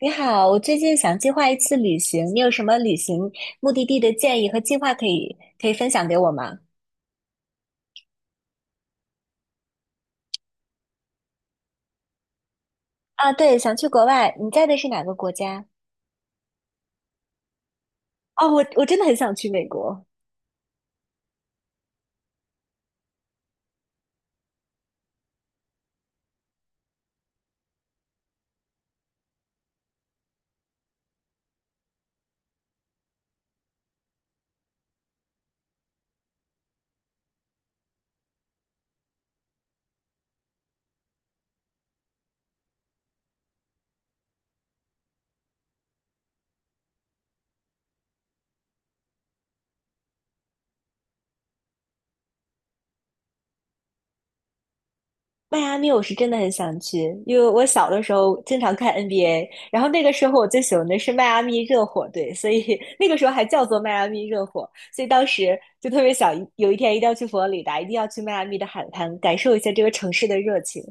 你好，我最近想计划一次旅行，你有什么旅行目的地的建议和计划可以分享给我吗？啊，对，想去国外，你在的是哪个国家？哦，我真的很想去美国。迈阿密，我是真的很想去，因为我小的时候经常看 NBA，然后那个时候我最喜欢的是迈阿密热火队，所以 那个时候还叫做迈阿密热火，所以当时就特别想有一天一定要去佛罗里达，一定要去迈阿密的海滩，感受一下这个城市的热情。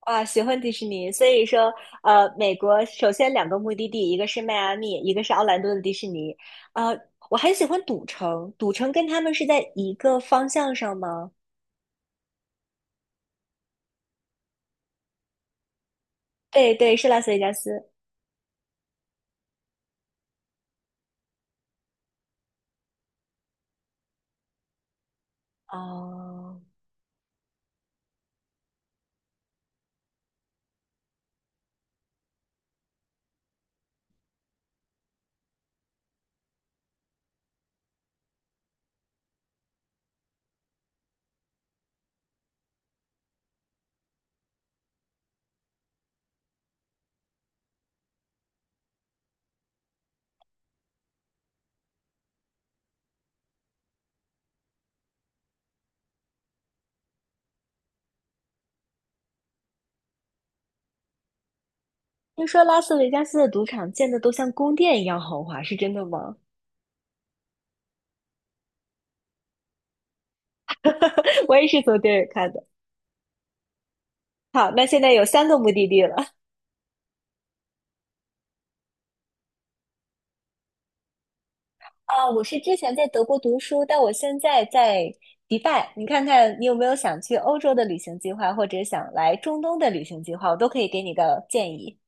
啊，喜欢迪士尼，所以说，美国首先两个目的地，一个是迈阿密，一个是奥兰多的迪士尼。呃，我很喜欢赌城，赌城跟他们是在一个方向上吗？对对，是拉斯维加斯。哦，听说拉斯维加斯的赌场建的都像宫殿一样豪华，是真的吗？我也是从电影看的。好，那现在有三个目的地了。啊，我是之前在德国读书，但我现在在迪拜。你看看你有没有想去欧洲的旅行计划，或者想来中东的旅行计划，我都可以给你个建议。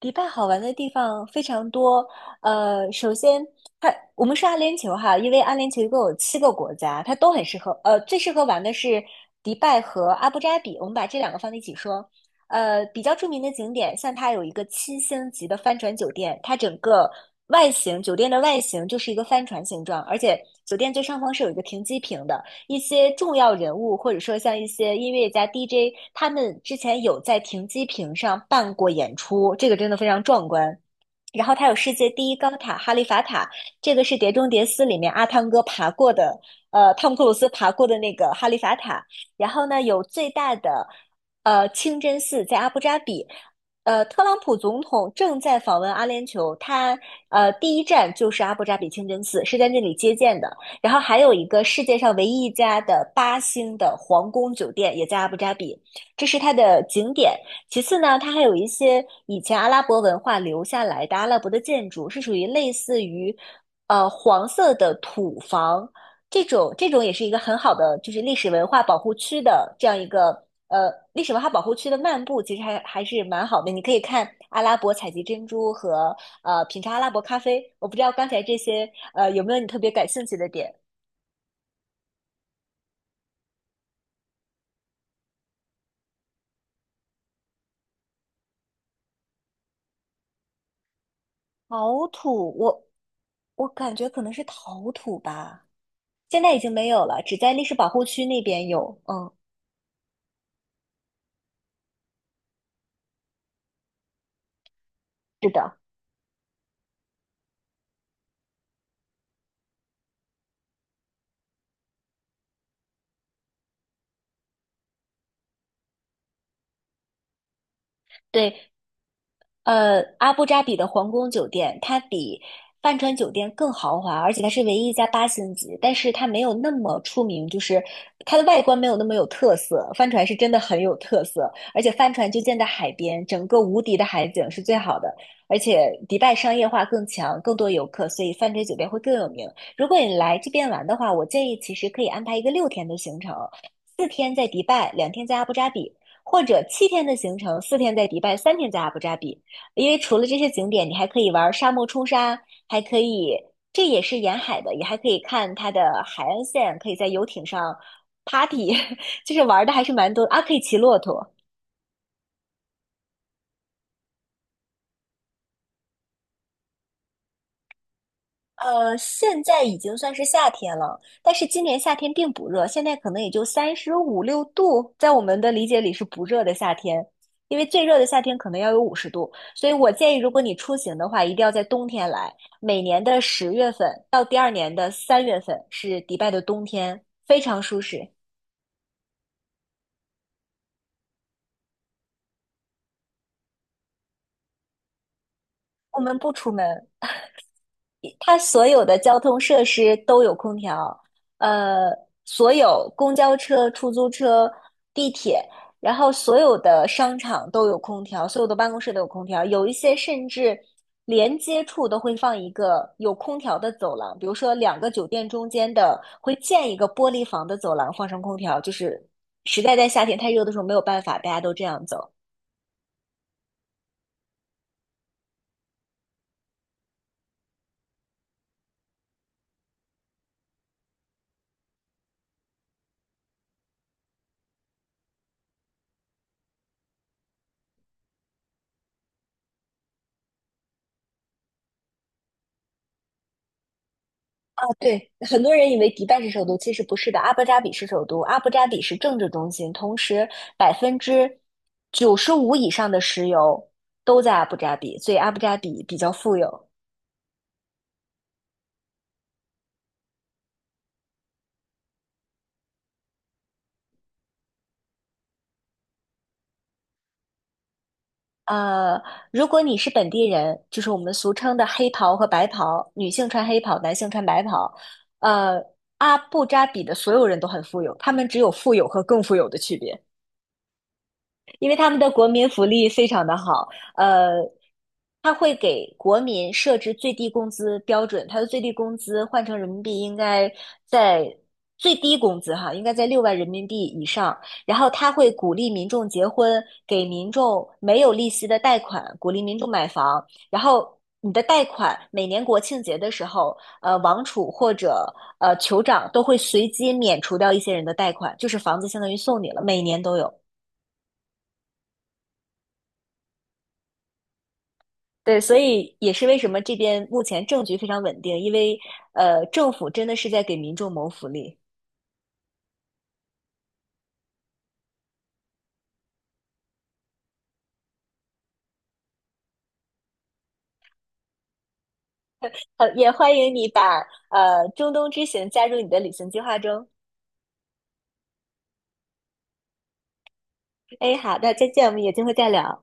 迪拜好玩的地方非常多。首先它我们说阿联酋哈，因为阿联酋一共有7个国家，它都很适合。最适合玩的是迪拜和阿布扎比，我们把这两个放在一起说。比较著名的景点，像它有一个7星级的帆船酒店，它整个外形，酒店的外形就是一个帆船形状，而且酒店最上方是有一个停机坪的，一些重要人物，或者说像一些音乐家、DJ，他们之前有在停机坪上办过演出，这个真的非常壮观。然后它有世界第一高塔哈利法塔，这个是《碟中谍四》里面阿汤哥爬过的，汤姆克鲁斯爬过的那个哈利法塔。然后呢，有最大的清真寺在阿布扎比。特朗普总统正在访问阿联酋，他第一站就是阿布扎比清真寺，是在那里接见的。然后还有一个世界上唯一一家的八星的皇宫酒店也在阿布扎比，这是它的景点。其次呢，它还有一些以前阿拉伯文化留下来的阿拉伯的建筑，是属于类似于，黄色的土房这种。这种也是一个很好的，就是历史文化保护区的这样一个，历史文化保护区的漫步，其实还是蛮好的。你可以看阿拉伯采集珍珠和品尝阿拉伯咖啡。我不知道刚才这些有没有你特别感兴趣的点？陶土，我感觉可能是陶土吧。现在已经没有了，只在历史保护区那边有。嗯，是的。对，阿布扎比的皇宫酒店，它比帆船酒店更豪华，而且它是唯一一家8星级，但是它没有那么出名，就是它的外观没有那么有特色。帆船是真的很有特色，而且帆船就建在海边，整个无敌的海景是最好的，而且迪拜商业化更强，更多游客，所以帆船酒店会更有名。如果你来这边玩的话，我建议其实可以安排一个6天的行程，四天在迪拜，2天在阿布扎比，或者7天的行程，四天在迪拜，3天在阿布扎比。因为除了这些景点，你还可以玩沙漠冲沙，还可以，这也是沿海的，也还可以看它的海岸线，可以在游艇上 party，就是玩的还是蛮多啊，可以骑骆驼。现在已经算是夏天了，但是今年夏天并不热，现在可能也就三十五六度，在我们的理解里是不热的夏天，因为最热的夏天可能要有50度，所以我建议，如果你出行的话，一定要在冬天来。每年的10月份到第二年的3月份是迪拜的冬天，非常舒适。我们不出门，它所有的交通设施都有空调。呃，所有公交车、出租车、地铁，然后所有的商场都有空调，所有的办公室都有空调，有一些甚至连接处都会放一个有空调的走廊，比如说两个酒店中间的会建一个玻璃房的走廊，放上空调，就是实在在夏天太热的时候没有办法，大家都这样走。对，很多人以为迪拜是首都，其实不是的。阿布扎比是首都，阿布扎比是政治中心，同时95%以上的石油都在阿布扎比，所以阿布扎比比较富有。呃，如果你是本地人，就是我们俗称的黑袍和白袍，女性穿黑袍，男性穿白袍。呃，阿布扎比的所有人都很富有，他们只有富有和更富有的区别。因为他们的国民福利非常的好。呃，他会给国民设置最低工资标准，他的最低工资换成人民币应该在最低工资哈，应该在6万人民币以上。然后他会鼓励民众结婚，给民众没有利息的贷款，鼓励民众买房。然后你的贷款每年国庆节的时候，王储或者酋长都会随机免除掉一些人的贷款，就是房子相当于送你了，每年都有。对，所以也是为什么这边目前政局非常稳定，因为政府真的是在给民众谋福利。也欢迎你把中东之行加入你的旅行计划中。哎，好的，再见，我们有机会再聊。